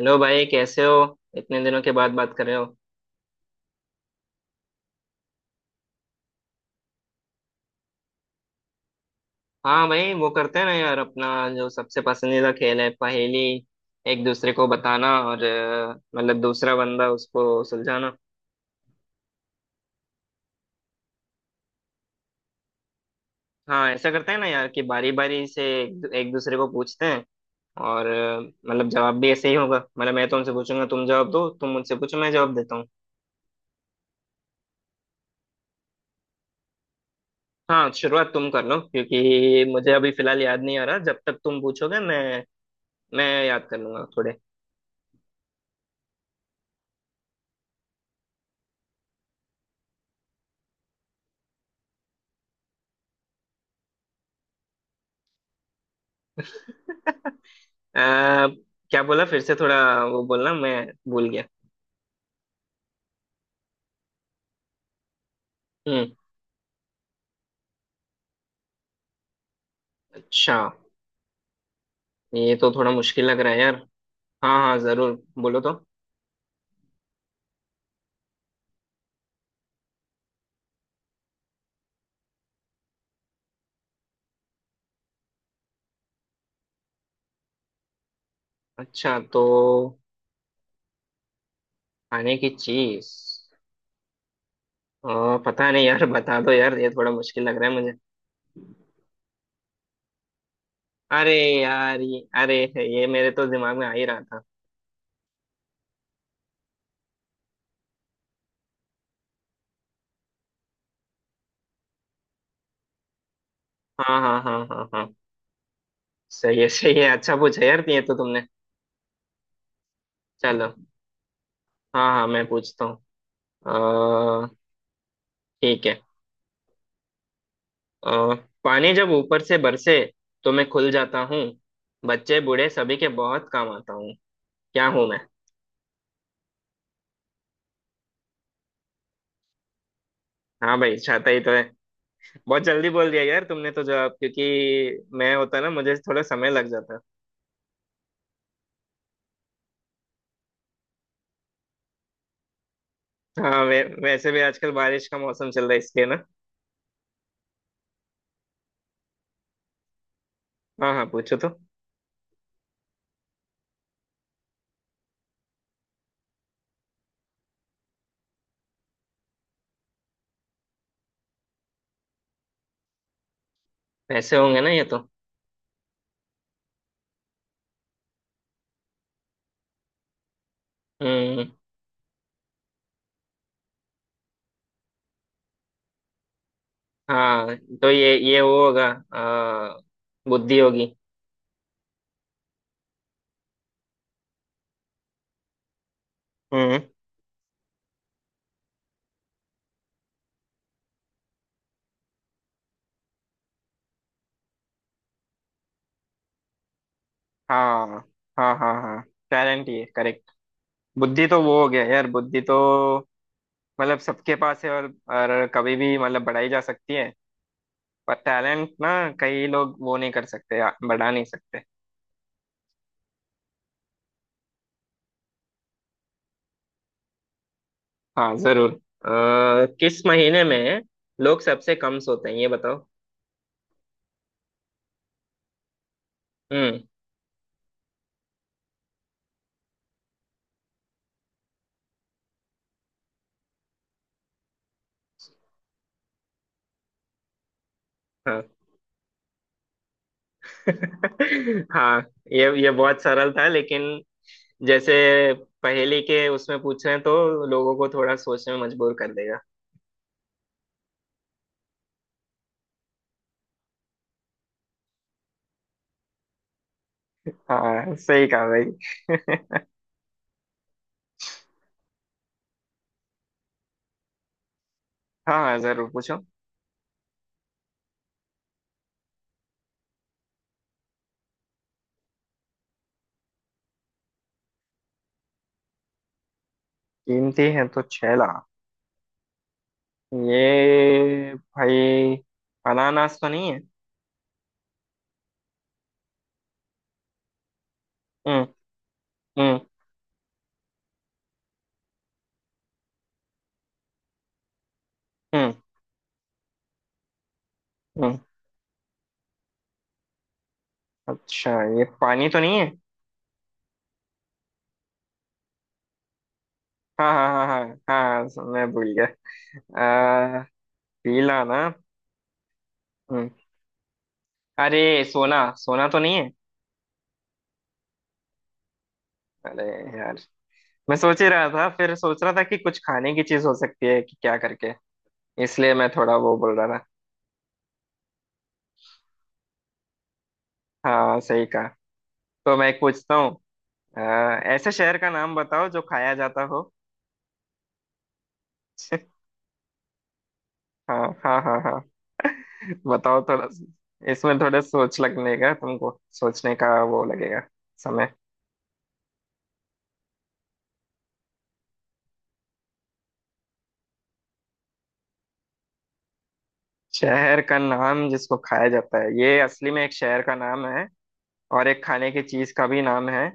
Hello भाई कैसे हो। इतने दिनों के बाद बात कर रहे हो। हाँ भाई वो करते हैं ना यार अपना जो सबसे पसंदीदा खेल है पहेली। एक दूसरे को बताना और मतलब दूसरा बंदा उसको सुलझाना। हाँ ऐसा करते हैं ना यार कि बारी बारी से एक दूसरे को पूछते हैं। और मतलब जवाब भी ऐसे ही होगा। मतलब मैं तुमसे पूछूंगा तुम जवाब दो, तुम मुझसे पूछो मैं जवाब देता हूँ। हाँ शुरुआत तुम कर लो, क्योंकि मुझे अभी फिलहाल याद नहीं आ रहा। जब तक तुम पूछोगे मैं याद कर लूंगा थोड़े। आ, क्या बोला फिर से थोड़ा। वो बोलना मैं भूल गया। हम्म। अच्छा। ये तो थोड़ा मुश्किल लग रहा है यार। हाँ हाँ जरूर, बोलो तो। अच्छा, तो खाने की चीज। पता नहीं यार। बता दो यार, ये थोड़ा मुश्किल लग रहा है मुझे। अरे यार, ये अरे, ये मेरे तो दिमाग में आ ही रहा था। हाँ हाँ हाँ हाँ हाँ, सही है सही है। अच्छा पूछा यार ये तो तुमने। चलो, हाँ हाँ मैं पूछता हूँ। अ, ठीक है। अ, पानी जब ऊपर से बरसे तो मैं खुल जाता हूँ। बच्चे बूढ़े सभी के बहुत काम आता हूँ। क्या हूँ मैं? हाँ भाई, छाता ही तो है। बहुत जल्दी बोल दिया यार तुमने तो जवाब। क्योंकि मैं होता ना, मुझे थोड़ा समय लग जाता। हाँ वैसे भी आजकल बारिश का मौसम चल रहा है इसलिए ना। हाँ हाँ, पूछो तो। वैसे होंगे ना ये तो। हम्म। हाँ, तो ये वो होगा। अ, बुद्धि होगी। हम्म। हाँ हाँ हाँ हाँ, टैलेंट, ये करेक्ट। बुद्धि तो वो हो गया यार, बुद्धि तो मतलब सबके पास है, और कभी भी मतलब बढ़ाई जा सकती है। पर टैलेंट ना, कई लोग वो नहीं कर सकते या बढ़ा नहीं सकते। हाँ जरूर। किस महीने में लोग सबसे कम सोते हैं ये बताओ। हम्म। हाँ। हाँ, ये बहुत सरल था, लेकिन जैसे पहेली के उसमें पूछ रहे हैं तो लोगों को थोड़ा सोचने में मजबूर कर देगा। हाँ सही कहा भाई। हाँ हाँ, जरूर पूछो। कीमती है तो 6 लाख? ये भाई, अनानास तो नहीं है? हम्म हम्म हम्म हम्म। अच्छा, ये पानी तो नहीं है? हाँ हाँ हाँ हाँ हाँ, मैं भूल गया। आ, पीला ना। हम्म। अरे सोना, सोना तो नहीं है? अरे यार, मैं सोच ही रहा था। फिर सोच रहा था कि कुछ खाने की चीज हो सकती है कि क्या करके। इसलिए मैं थोड़ा वो बोल रहा था। हाँ सही कहा। तो मैं एक पूछता हूँ। आ, ऐसे शहर का नाम बताओ जो खाया जाता हो। हाँ हाँ हाँ हाँ, बताओ थोड़ा। इसमें थोड़ा सोच लगेगा, तुमको सोचने का वो लगेगा समय। शहर का नाम जिसको खाया जाता है, ये असली में एक शहर का नाम है और एक खाने की चीज का भी नाम है।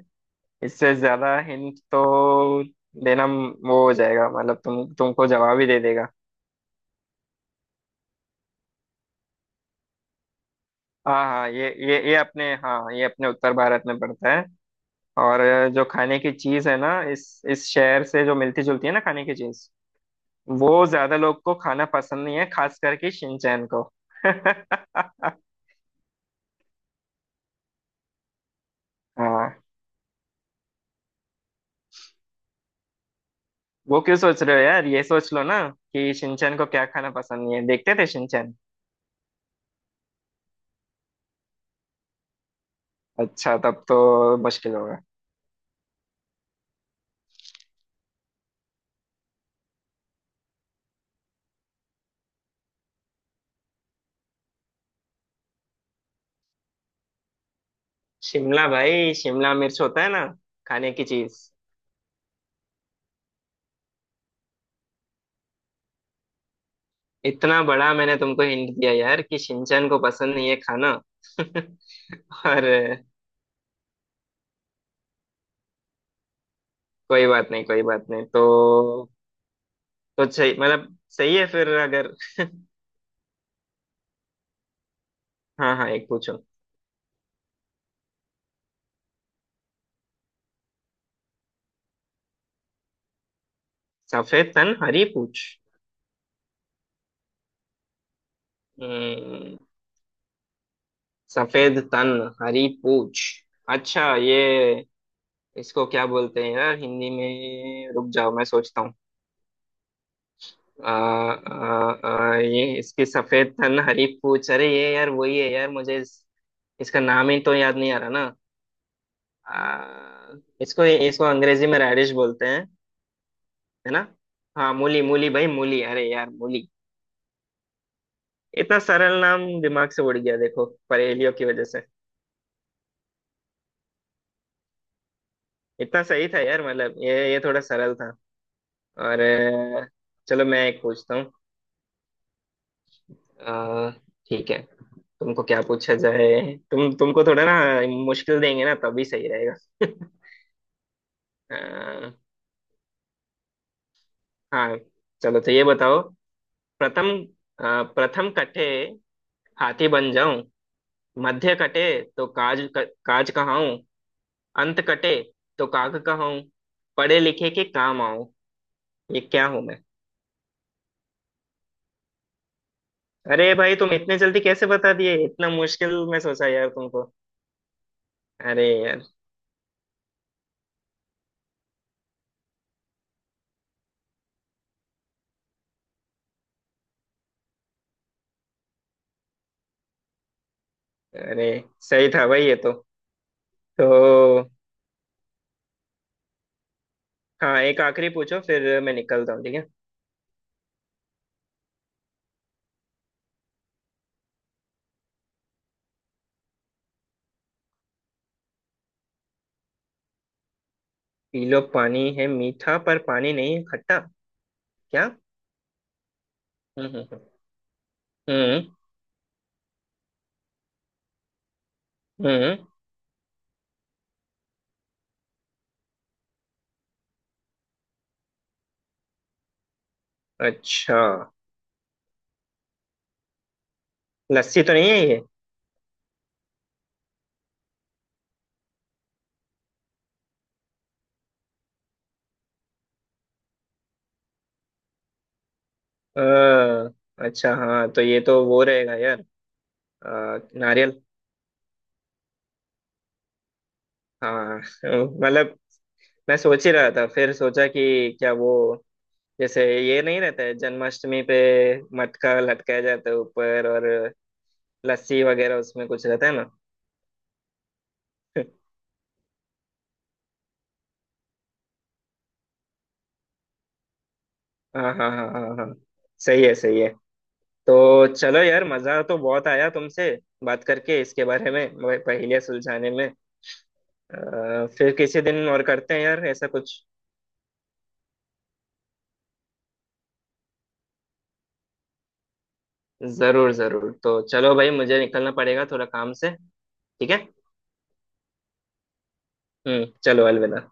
इससे ज्यादा हिंट तो देना वो हो जाएगा, मतलब तुमको जवाब ही दे देगा। हाँ हाँ, ये अपने, हाँ ये अपने उत्तर भारत में पड़ता है। और जो खाने की चीज है ना इस शहर से जो मिलती जुलती है ना खाने की चीज, वो ज्यादा लोग को खाना पसंद नहीं है, खास करके शिनचैन को। हाँ, वो क्यों सोच रहे हो यार। ये सोच लो ना कि शिनचैन को क्या खाना पसंद नहीं है। देखते थे शिनचैन। अच्छा, तब तो मुश्किल होगा। शिमला भाई, शिमला मिर्च होता है ना, खाने की चीज। इतना बड़ा मैंने तुमको हिंट दिया यार कि शिनचैन को पसंद नहीं है खाना। और कोई बात नहीं, कोई बात नहीं। तो तो सही, मतलब सही है फिर अगर। हाँ हाँ, एक पूछो। सफेद तन हरी पूछ। हम्म, सफेद तन हरी पूछ। अच्छा, ये इसको क्या बोलते हैं यार हिंदी में, रुक जाओ मैं सोचता हूँ। आ, आ, आ, ये इसकी सफेद तन हरी पूछ। अरे ये यार वही है यार, इसका नाम ही तो याद नहीं आ रहा ना। आ, इसको इसको अंग्रेजी में रेडिश बोलते हैं, है ना। हाँ मूली, मूली भाई, मूली, अरे यार मूली। इतना सरल नाम दिमाग से उड़ गया, देखो पहेलियों की वजह से। इतना सही था यार, मतलब ये थोड़ा सरल था। और चलो मैं एक पूछता हूँ। अ, ठीक है, तुमको क्या पूछा जाए। तुम तुमको थोड़ा ना मुश्किल देंगे ना तभी सही रहेगा। अ, हाँ चलो, तो ये बताओ। प्रथम प्रथम कटे हाथी बन जाऊं, मध्य कटे तो काज कहाऊं, अंत कटे तो काग कहाऊं, पढ़े लिखे के काम आऊं। ये क्या हूं मैं? अरे भाई, तुम इतने जल्दी कैसे बता दिए? इतना मुश्किल मैं सोचा यार तुमको। अरे यार अरे, सही था भाई ये तो। तो हाँ, एक आखिरी पूछो, फिर मैं निकलता हूँ, ठीक है। पी लो पानी है मीठा, पर पानी नहीं है खट्टा। क्या? हम्म हम्म हम्म हम्म। अच्छा, लस्सी तो नहीं है ये? अ, अच्छा हाँ, तो ये तो वो रहेगा यार, नारियल। हाँ मतलब मैं सोच ही रहा था, फिर सोचा कि क्या वो जैसे ये नहीं रहता है जन्माष्टमी पे मटका लटकाया जाता है ऊपर, और लस्सी वगैरह उसमें कुछ रहता है ना। हाँ हाँ हाँ हाँ हाँ, सही है सही है। तो चलो यार, मजा तो बहुत आया तुमसे बात करके इसके बारे में, वह पहेलियाँ सुलझाने में। फिर किसी दिन और करते हैं यार ऐसा कुछ। जरूर जरूर। तो चलो भाई, मुझे निकलना पड़ेगा थोड़ा काम से, ठीक है। चलो, अलविदा।